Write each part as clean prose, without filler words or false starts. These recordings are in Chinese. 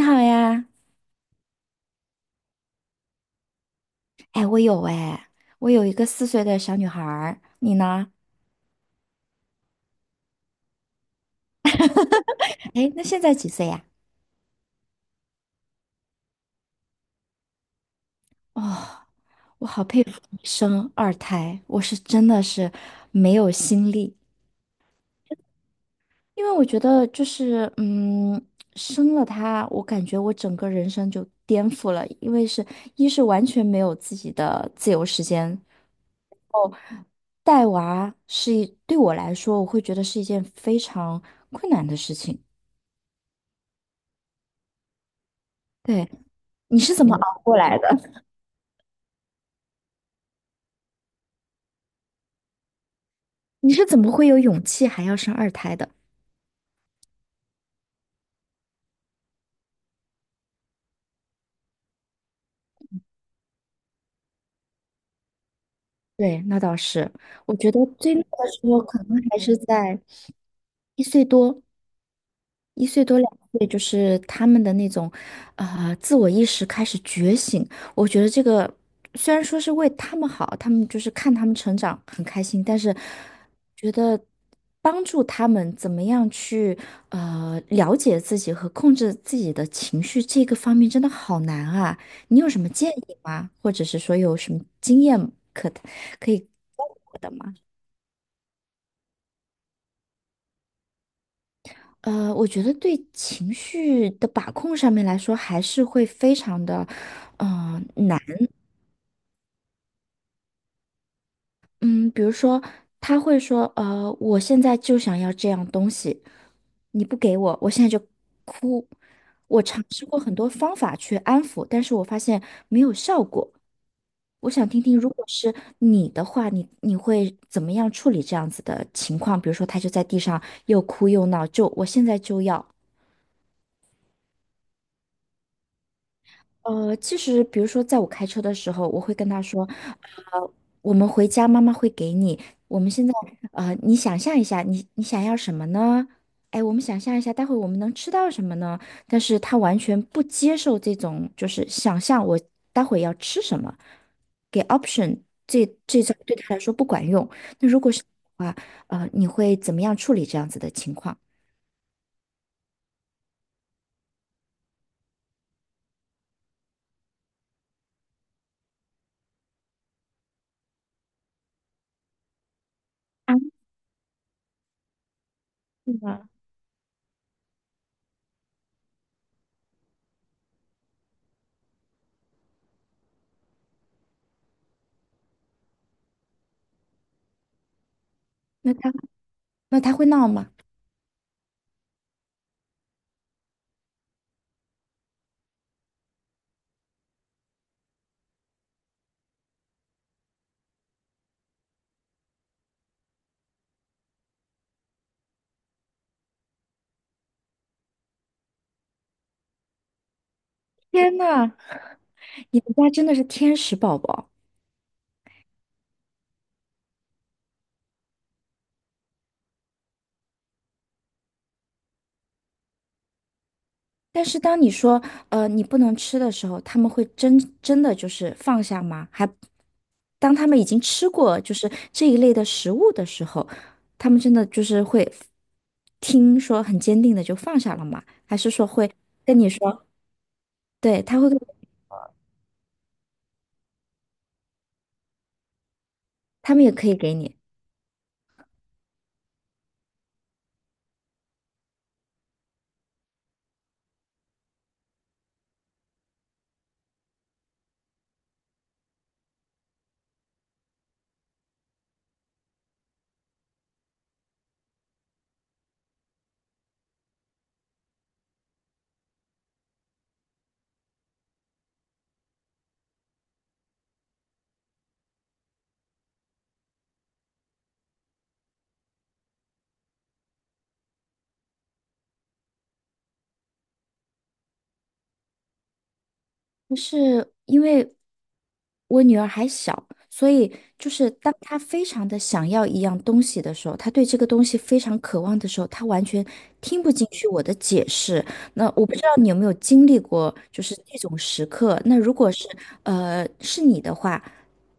你好呀。哎，我有哎，我有一个四岁的小女孩儿，你呢？哎，那现在几岁呀？哦，我好佩服你生二胎，我是真的是没有心力。因为我觉得就是，生了她，我感觉我整个人生就颠覆了。因为是一是完全没有自己的自由时间，带娃是一对我来说，我会觉得是一件非常困难的事情。对，你是怎么熬过来的？你是怎么会有勇气还要生二胎的？对，那倒是。我觉得最那个时候可能还是在一岁多、一岁多两岁，就是他们的那种，自我意识开始觉醒。我觉得这个虽然说是为他们好，他们就是看他们成长很开心，但是帮助他们怎么样去了解自己和控制自己的情绪，这个方面真的好难啊！你有什么建议吗？或者是说有什么经验可可以给我的吗？呃，我觉得对情绪的把控上面来说，还是会非常的，难。嗯，比如说他会说，我现在就想要这样东西，你不给我，我现在就哭。我尝试过很多方法去安抚，但是我发现没有效果。我想听听，如果是你的话，你会怎么样处理这样子的情况？比如说，他就在地上又哭又闹，就我现在就要。呃，其实比如说，在我开车的时候，我会跟他说，呃，我们回家，妈妈会给你。我们现在，你想象一下，你想要什么呢？哎，我们想象一下，待会我们能吃到什么呢？但是他完全不接受这种，就是想象我待会要吃什么，给 option， 这这招对他来说不管用。那如果是的话，呃，你会怎么样处理这样子的情况？那他那他会闹吗？天呐，你们家真的是天使宝宝。但是当你说你不能吃的时候，他们会真真的就是放下吗？还当他们已经吃过就是这一类的食物的时候，他们真的就是会听说很坚定的就放下了吗？还是说会跟你说，对，他会跟，他们也可以给你。就是因为我女儿还小，所以就是当她非常的想要一样东西的时候，她对这个东西非常渴望的时候，她完全听不进去我的解释。那我不知道你有没有经历过，就是这种时刻。那如果是是你的话，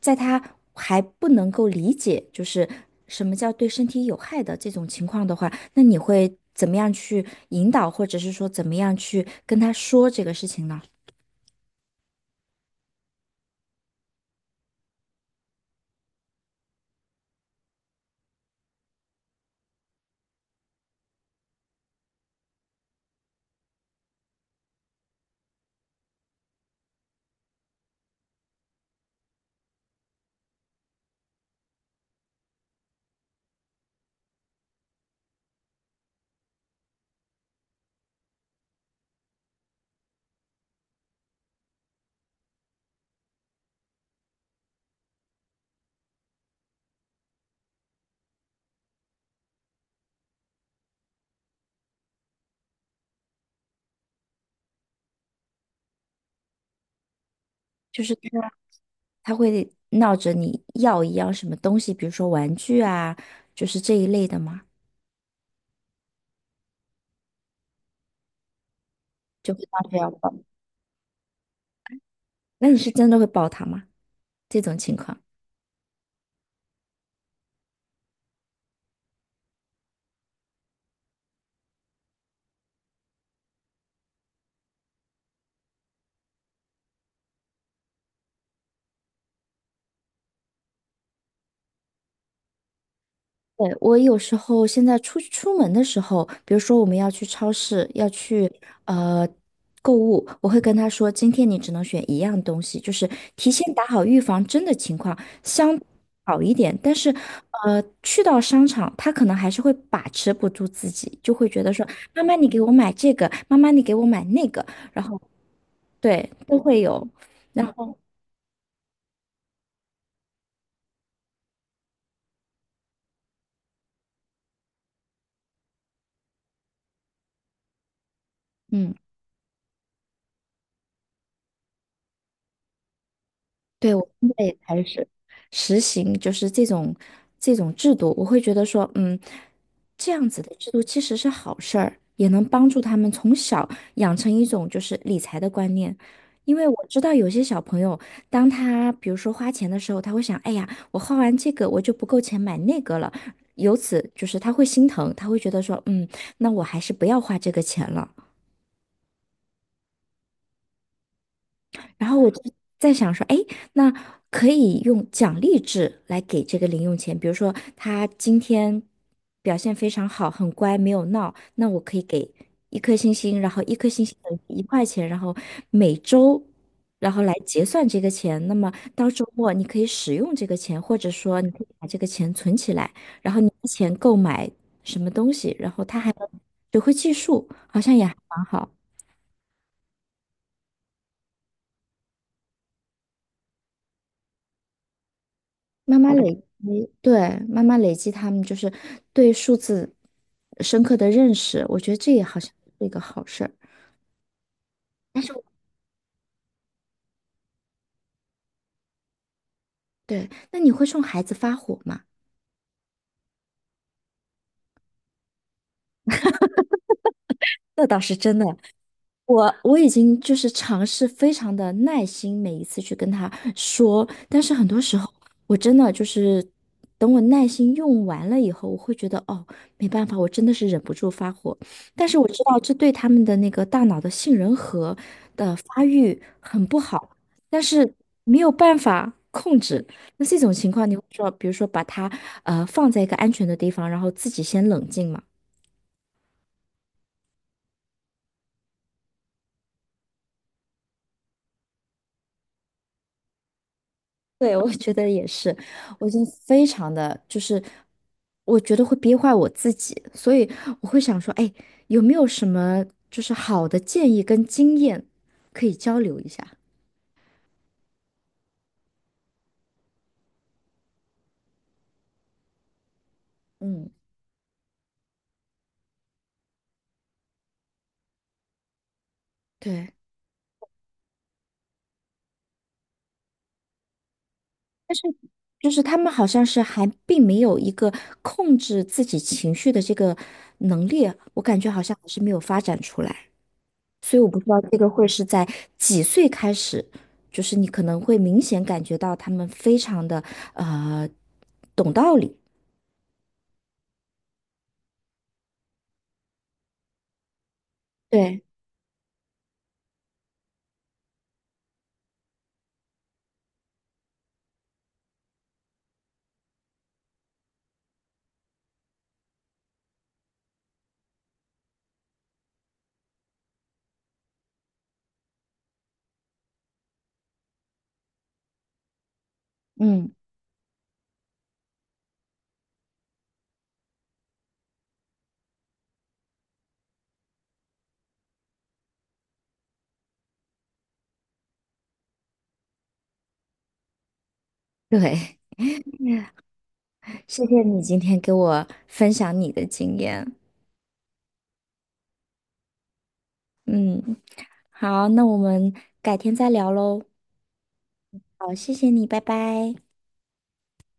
在她还不能够理解就是什么叫对身体有害的这种情况的话，那你会怎么样去引导，或者是说怎么样去跟她说这个事情呢？就是他会闹着你要一样什么东西，比如说玩具啊，就是这一类的嘛，就会闹着要抱。那你是真的会抱他吗？这种情况。对，我有时候现在出门的时候，比如说我们要去超市，要去呃购物，我会跟他说，今天你只能选一样东西，就是提前打好预防针的情况相好一点。但是，呃，去到商场，他可能还是会把持不住自己，就会觉得说，妈妈你给我买这个，妈妈你给我买那个，然后对，都会有。然后，嗯。对，我现在也开始实行，就是这种制度。我会觉得说，嗯，这样子的制度其实是好事儿，也能帮助他们从小养成一种就是理财的观念。因为我知道有些小朋友，当他比如说花钱的时候，他会想，哎呀，我花完这个我就不够钱买那个了，由此就是他会心疼，他会觉得说，嗯，那我还是不要花这个钱了。然后我就在想说，哎，那可以用奖励制来给这个零用钱，比如说他今天表现非常好，很乖，没有闹，那我可以给一颗星星，然后一颗星星等于一块钱，然后每周。然后来结算这个钱，那么到周末你可以使用这个钱，或者说你可以把这个钱存起来，然后你的钱购买什么东西，然后他还能学会计数，好像也还蛮好。慢慢累积，对，慢慢累积他们就是对数字深刻的认识，我觉得这也好像是一个好事儿。但是我对，那你会冲孩子发火吗？那倒是真的。我已经就是尝试非常的耐心，每一次去跟他说，但是很多时候我真的就是等我耐心用完了以后，我会觉得哦，没办法，我真的是忍不住发火。但是我知道这对他们的那个大脑的杏仁核的发育很不好，但是没有办法控制。那这种情况，你会说，比如说把它放在一个安全的地方，然后自己先冷静嘛。对，我觉得也是。我现在非常的就是，我觉得会憋坏我自己，所以我会想说，哎，有没有什么就是好的建议跟经验可以交流一下？嗯，对，但是就是他们好像是还并没有一个控制自己情绪的这个能力，我感觉好像还是没有发展出来。所以我不知道这个会是在几岁开始，就是你可能会明显感觉到他们非常的呃懂道理。对，嗯，对，谢谢你今天给我分享你的经验。嗯，好，那我们改天再聊喽。好，谢谢你，拜拜。